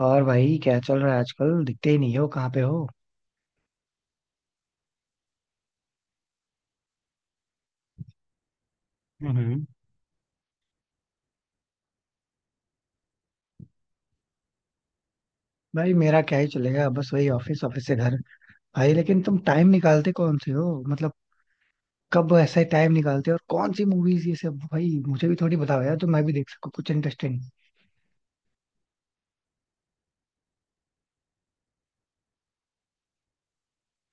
और भाई क्या चल रहा है आजकल दिखते ही नहीं हो कहाँ पे हो? हम्म। भाई मेरा क्या ही चलेगा, बस वही ऑफिस, ऑफिस से घर। भाई लेकिन तुम टाइम निकालते कौन से हो, मतलब कब ऐसा टाइम निकालते हो, और कौन सी मूवीज ये सब, भाई मुझे भी थोड़ी बताओ यार, तो मैं भी देख सकूँ कुछ इंटरेस्टिंग।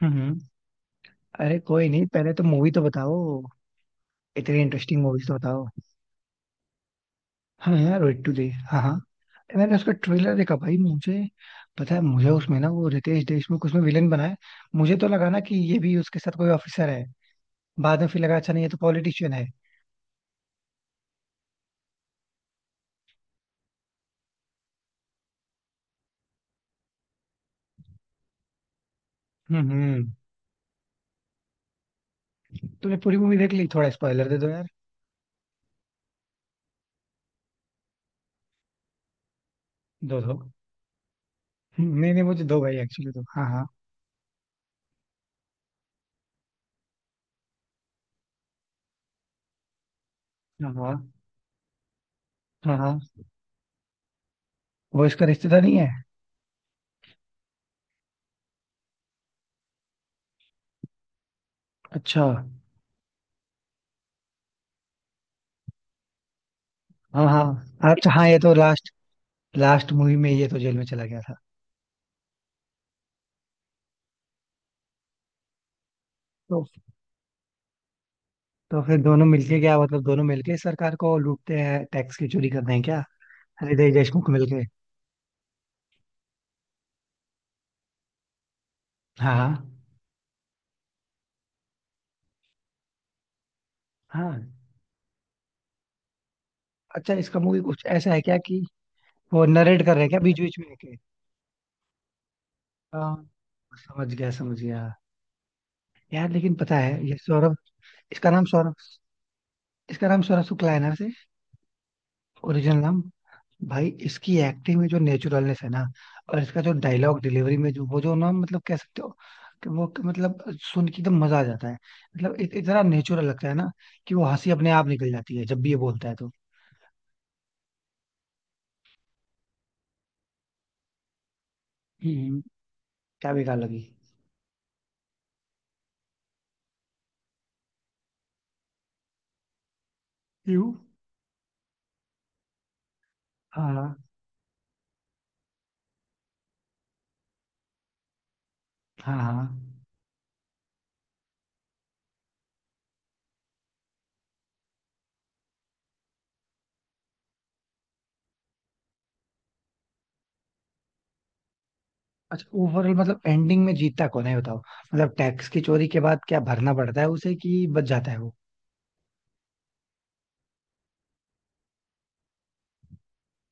हम्म। अरे कोई नहीं, पहले तो मूवी तो बताओ। इतनी इंटरेस्टिंग मूवीज तो बताओ। हाँ यार, वेट टू डे, हाँ हाँ। मैंने उसका ट्रेलर देखा भाई, मुझे पता है, मुझे उसमें ना वो रितेश देशमुख उसमें विलेन बना है। मुझे तो लगा ना कि ये भी उसके साथ कोई ऑफिसर है, बाद में फिर लगा अच्छा नहीं, ये तो पॉलिटिशियन है। हम्म। तूने पूरी मूवी देख ली, थोड़ा स्पॉइलर दे दो यार। दो दो। नहीं नहीं, मुझे दो भाई, एक्चुअली दो, हाँ हाँ। हाँ हाँ। हाँ हाँ। वो इसका रिश्तेदार नहीं है। अच्छा, हाँ हाँ, अच्छा, हाँ ये तो लास्ट लास्ट मूवी में ये तो जेल में चला गया था। तो तो फिर दोनों मिलके क्या, मतलब दोनों मिलके सरकार को लूटते हैं, टैक्स की चोरी करते हैं क्या? हृदय देशमुख मिलके? हाँ हाँ हाँ। अच्छा, इसका मूवी कुछ ऐसा है क्या कि वो नरेट कर रहे हैं क्या बीच बीच में के? हाँ। समझ गया समझ गया। यार लेकिन पता है ये सौरभ, इसका नाम सौरभ इसका नाम सौरभ शुक्ला है ना, से ओरिजिनल नाम। भाई इसकी एक्टिंग में जो नेचुरलनेस है ना, और इसका जो डायलॉग डिलीवरी में जो वो जो ना, मतलब कह सकते हो कि वो कि मतलब सुन के एकदम मजा आ जाता है, मतलब इतना नेचुरल लगता है ना, कि वो हंसी अपने आप निकल जाती है जब भी ये बोलता है तो। हम्म। क्या बेकार लगी? यू। हाँ हाँ हाँ। अच्छा, ओवरऑल मतलब एंडिंग में जीतता कौन है ये बताओ, मतलब टैक्स की चोरी के बाद क्या भरना पड़ता है उसे कि बच जाता है?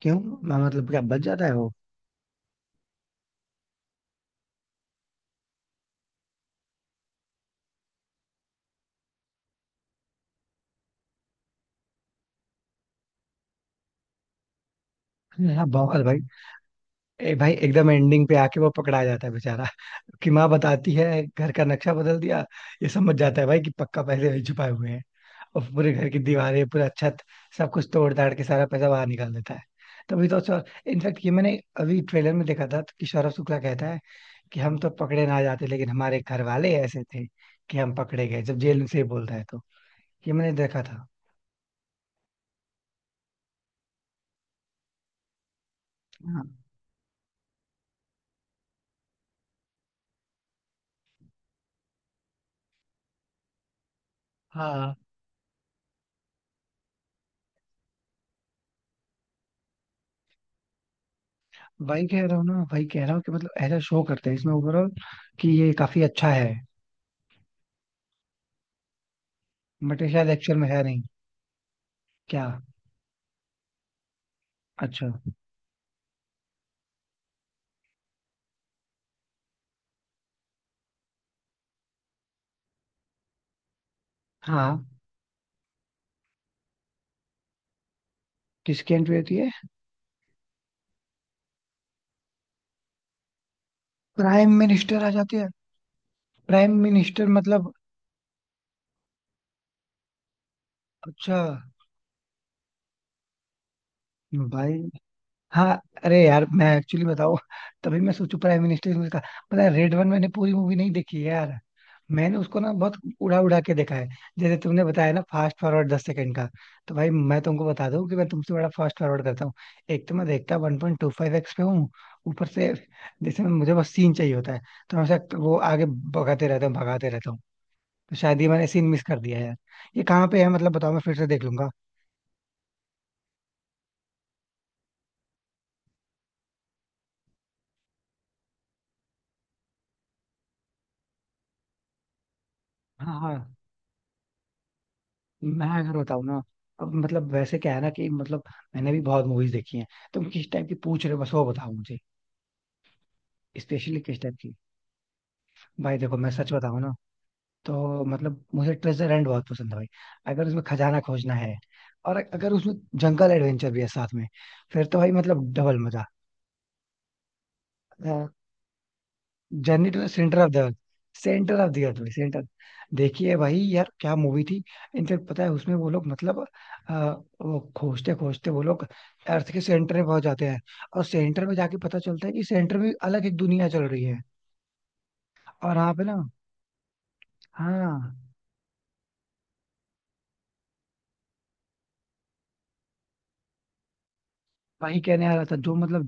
क्यों? मैं मतलब क्या बच जाता है वो? अरे हाँ, बवाल भाई। ए भाई, एकदम एंडिंग पे आके वो पकड़ा जाता है बेचारा। कि माँ बताती है घर का नक्शा बदल दिया, ये समझ जाता है भाई कि पक्का पैसे वही छुपाए हुए हैं, और पूरे घर की दीवारें, पूरा छत, सब कुछ तोड़ ताड़ के सारा पैसा बाहर निकाल देता है। तभी तो सर। इनफैक्ट ये मैंने अभी ट्रेलर में देखा था तो, कि सौरभ शुक्ला कहता है कि हम तो पकड़े ना जाते, लेकिन हमारे घर वाले ऐसे थे कि हम पकड़े गए, जब जेल से बोलता है तो। ये मैंने देखा था। हाँ हाँ। वही कह रहा हूँ ना, वही कह रहा हूँ कि मतलब ऐसा शो करते हैं इसमें ओवरऑल कि ये काफी अच्छा है, बट ये शायद एक्चुअल में है नहीं। क्या? अच्छा, हाँ, किसकी एंट्री होती है? प्राइम मिनिस्टर आ जाते हैं? प्राइम मिनिस्टर मतलब? अच्छा भाई, हाँ, अरे यार मैं एक्चुअली बताऊँ, तभी मैं सोचू प्राइम मिनिस्टर मूवी का, पता है रेड वन मैंने पूरी मूवी नहीं देखी है यार, मैंने उसको ना बहुत उड़ा उड़ा के देखा है। जैसे तुमने बताया ना, फास्ट फॉरवर्ड 10 सेकंड का, तो भाई मैं तुमको बता दूं कि मैं तुमसे बड़ा फास्ट फॉरवर्ड करता हूँ। एक तो मैं देखता 1.25x पे हूँ, ऊपर से जैसे मैं, मुझे बस सीन चाहिए होता है, तो मैं ऐसा वो आगे भगाते रहता हूँ भगाते रहता हूँ। तो शायद ये मैंने सीन मिस कर दिया है यार, ये कहाँ पे है मतलब बताओ, मैं फिर से देख लूंगा। हाँ हाँ। मैं अगर बताऊँ ना, अब मतलब वैसे क्या है ना कि मतलब मैंने भी बहुत मूवीज देखी हैं, तुम किस टाइप की पूछ रहे हो बस वो बताओ मुझे, स्पेशली किस टाइप की। भाई देखो मैं सच बताऊँ ना, तो मतलब मुझे ट्रेजर हंट बहुत पसंद है भाई, अगर उसमें खजाना खोजना है, और अगर उसमें जंगल एडवेंचर भी है साथ में, फिर तो भाई मतलब डबल मजा। Journey to Center of the Earth. Center of the Earth भाई, सेंटर। देखिए भाई यार क्या मूवी थी। इनफेक्ट पता है उसमें वो लोग मतलब, अ, वो खोजते खोजते वो लोग अर्थ के सेंटर में पहुंच जाते हैं, और सेंटर में जाके पता चलता है कि सेंटर में अलग एक दुनिया चल रही है, और वहां पे ना। हाँ वही कहने आ रहा था जो मतलब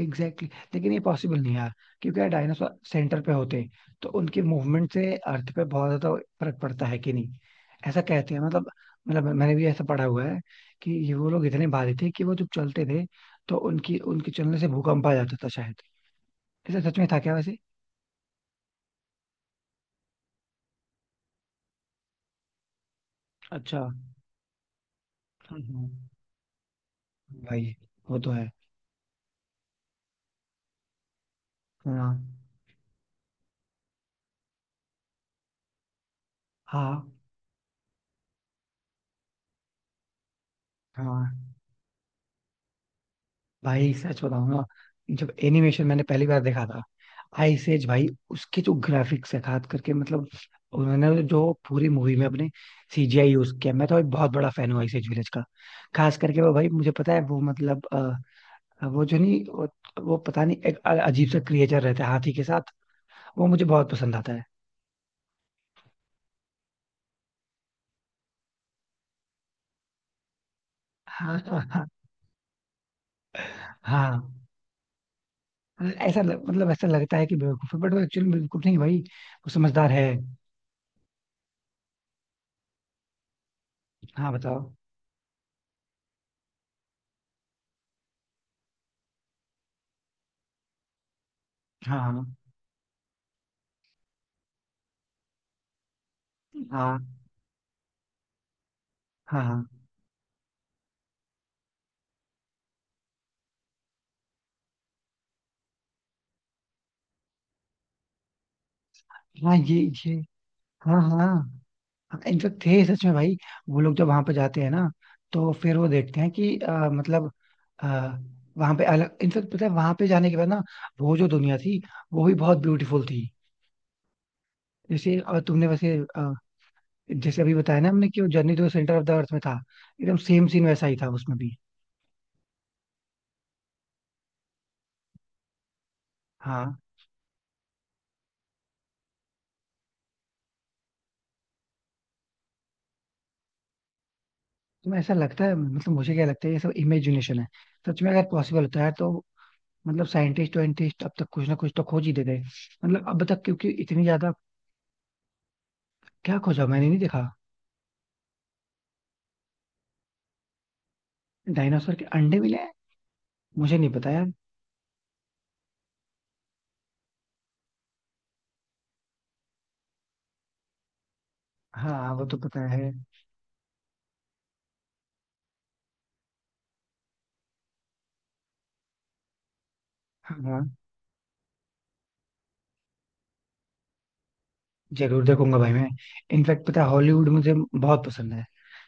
एग्जैक्टली exactly। लेकिन ये पॉसिबल नहीं है यार, क्योंकि यार डायनासोर सेंटर पे होते हैं, तो उनकी मूवमेंट से अर्थ पे बहुत ज्यादा फर्क पड़ता है कि नहीं, ऐसा कहते हैं, मतलब मतलब मैंने भी ऐसा पढ़ा हुआ है कि ये, वो लोग इतने भारी थे कि वो जब चलते थे, तो उनकी उनके चलने से भूकंप आ जाता था शायद। ऐसा सच में था क्या वैसे? अच्छा। हम्म। हम्म। भाई वो तो है। हाँ हाँ हाँ। भाई सच बताऊं ना, जब एनिमेशन मैंने पहली बार देखा था, आइस एज, भाई उसके जो ग्राफिक्स है खास करके, मतलब उन्होंने जो पूरी मूवी में अपने सीजीआई यूज किया, मैं तो भाई बहुत बड़ा फैन हूँ आइस एज विलेज का। खास करके वो, भाई मुझे पता है वो, मतलब वो जो नहीं वो, वो पता नहीं एक अजीब सा क्रिएचर रहता है हाथी के साथ, वो मुझे बहुत पसंद आता है। हाँ हाँ हाँ। हाँ। मतलब ऐसा लगता है कि बेवकूफ है, बट वो एक्चुअली बेवकूफ नहीं भाई, वो समझदार है। हाँ बताओ। हाँ हाँ हाँ हाँ हाँ। हाँ ये। हाँ हाँ। इनफेक्ट थे सच में भाई, वो लोग जब वहां पे जाते हैं ना, तो फिर वो देखते हैं कि मतलब आ, वहां पे अलग, इनफेक्ट पता है वहां पे जाने के बाद ना, वो जो दुनिया थी, वो भी बहुत ब्यूटीफुल थी। जैसे तुमने वैसे जैसे अभी बताया ना हमने, कि वो Journey to the Center of the Earth में था, एकदम सेम सीन वैसा ही था उसमें भी। हाँ। तो ऐसा लगता है, मतलब मुझे क्या लगता है, ये सब इमेजिनेशन है, सच में अगर पॉसिबल होता है तो मतलब साइंटिस्ट वाइंटिस्ट अब तक कुछ ना कुछ तो खोज ही देते हैं, मतलब अब तक, क्योंकि इतनी ज्यादा। क्या खोजा? मैंने नहीं देखा। डायनासोर के अंडे मिले हैं? मुझे नहीं पता यार। हाँ वो तो पता है। हाँ हाँ। जरूर देखूंगा भाई मैं, इनफैक्ट पता है हॉलीवुड मुझे बहुत पसंद है,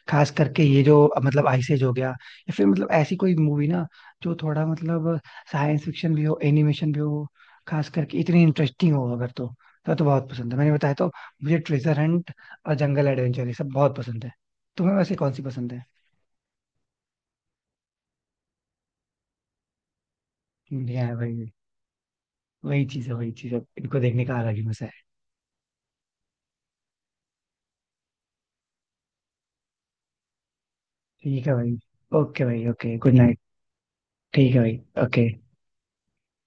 खास करके ये जो, मतलब आइसेज हो गया, या फिर मतलब ऐसी कोई मूवी ना जो थोड़ा मतलब साइंस फिक्शन भी हो, एनिमेशन भी हो, खास करके इतनी इंटरेस्टिंग हो, अगर तो, तो बहुत पसंद है, मैंने बताया तो, मुझे ट्रेजर हंट और जंगल एडवेंचर ये सब बहुत पसंद है, तुम्हें वैसे कौन सी पसंद है? यार भाई वही चीज है, वही चीज है, इनको देखने का अलग ही मजा है। ठीक है भाई, ओके भाई, ओके गुड नाइट। ठीक है भाई, ओके।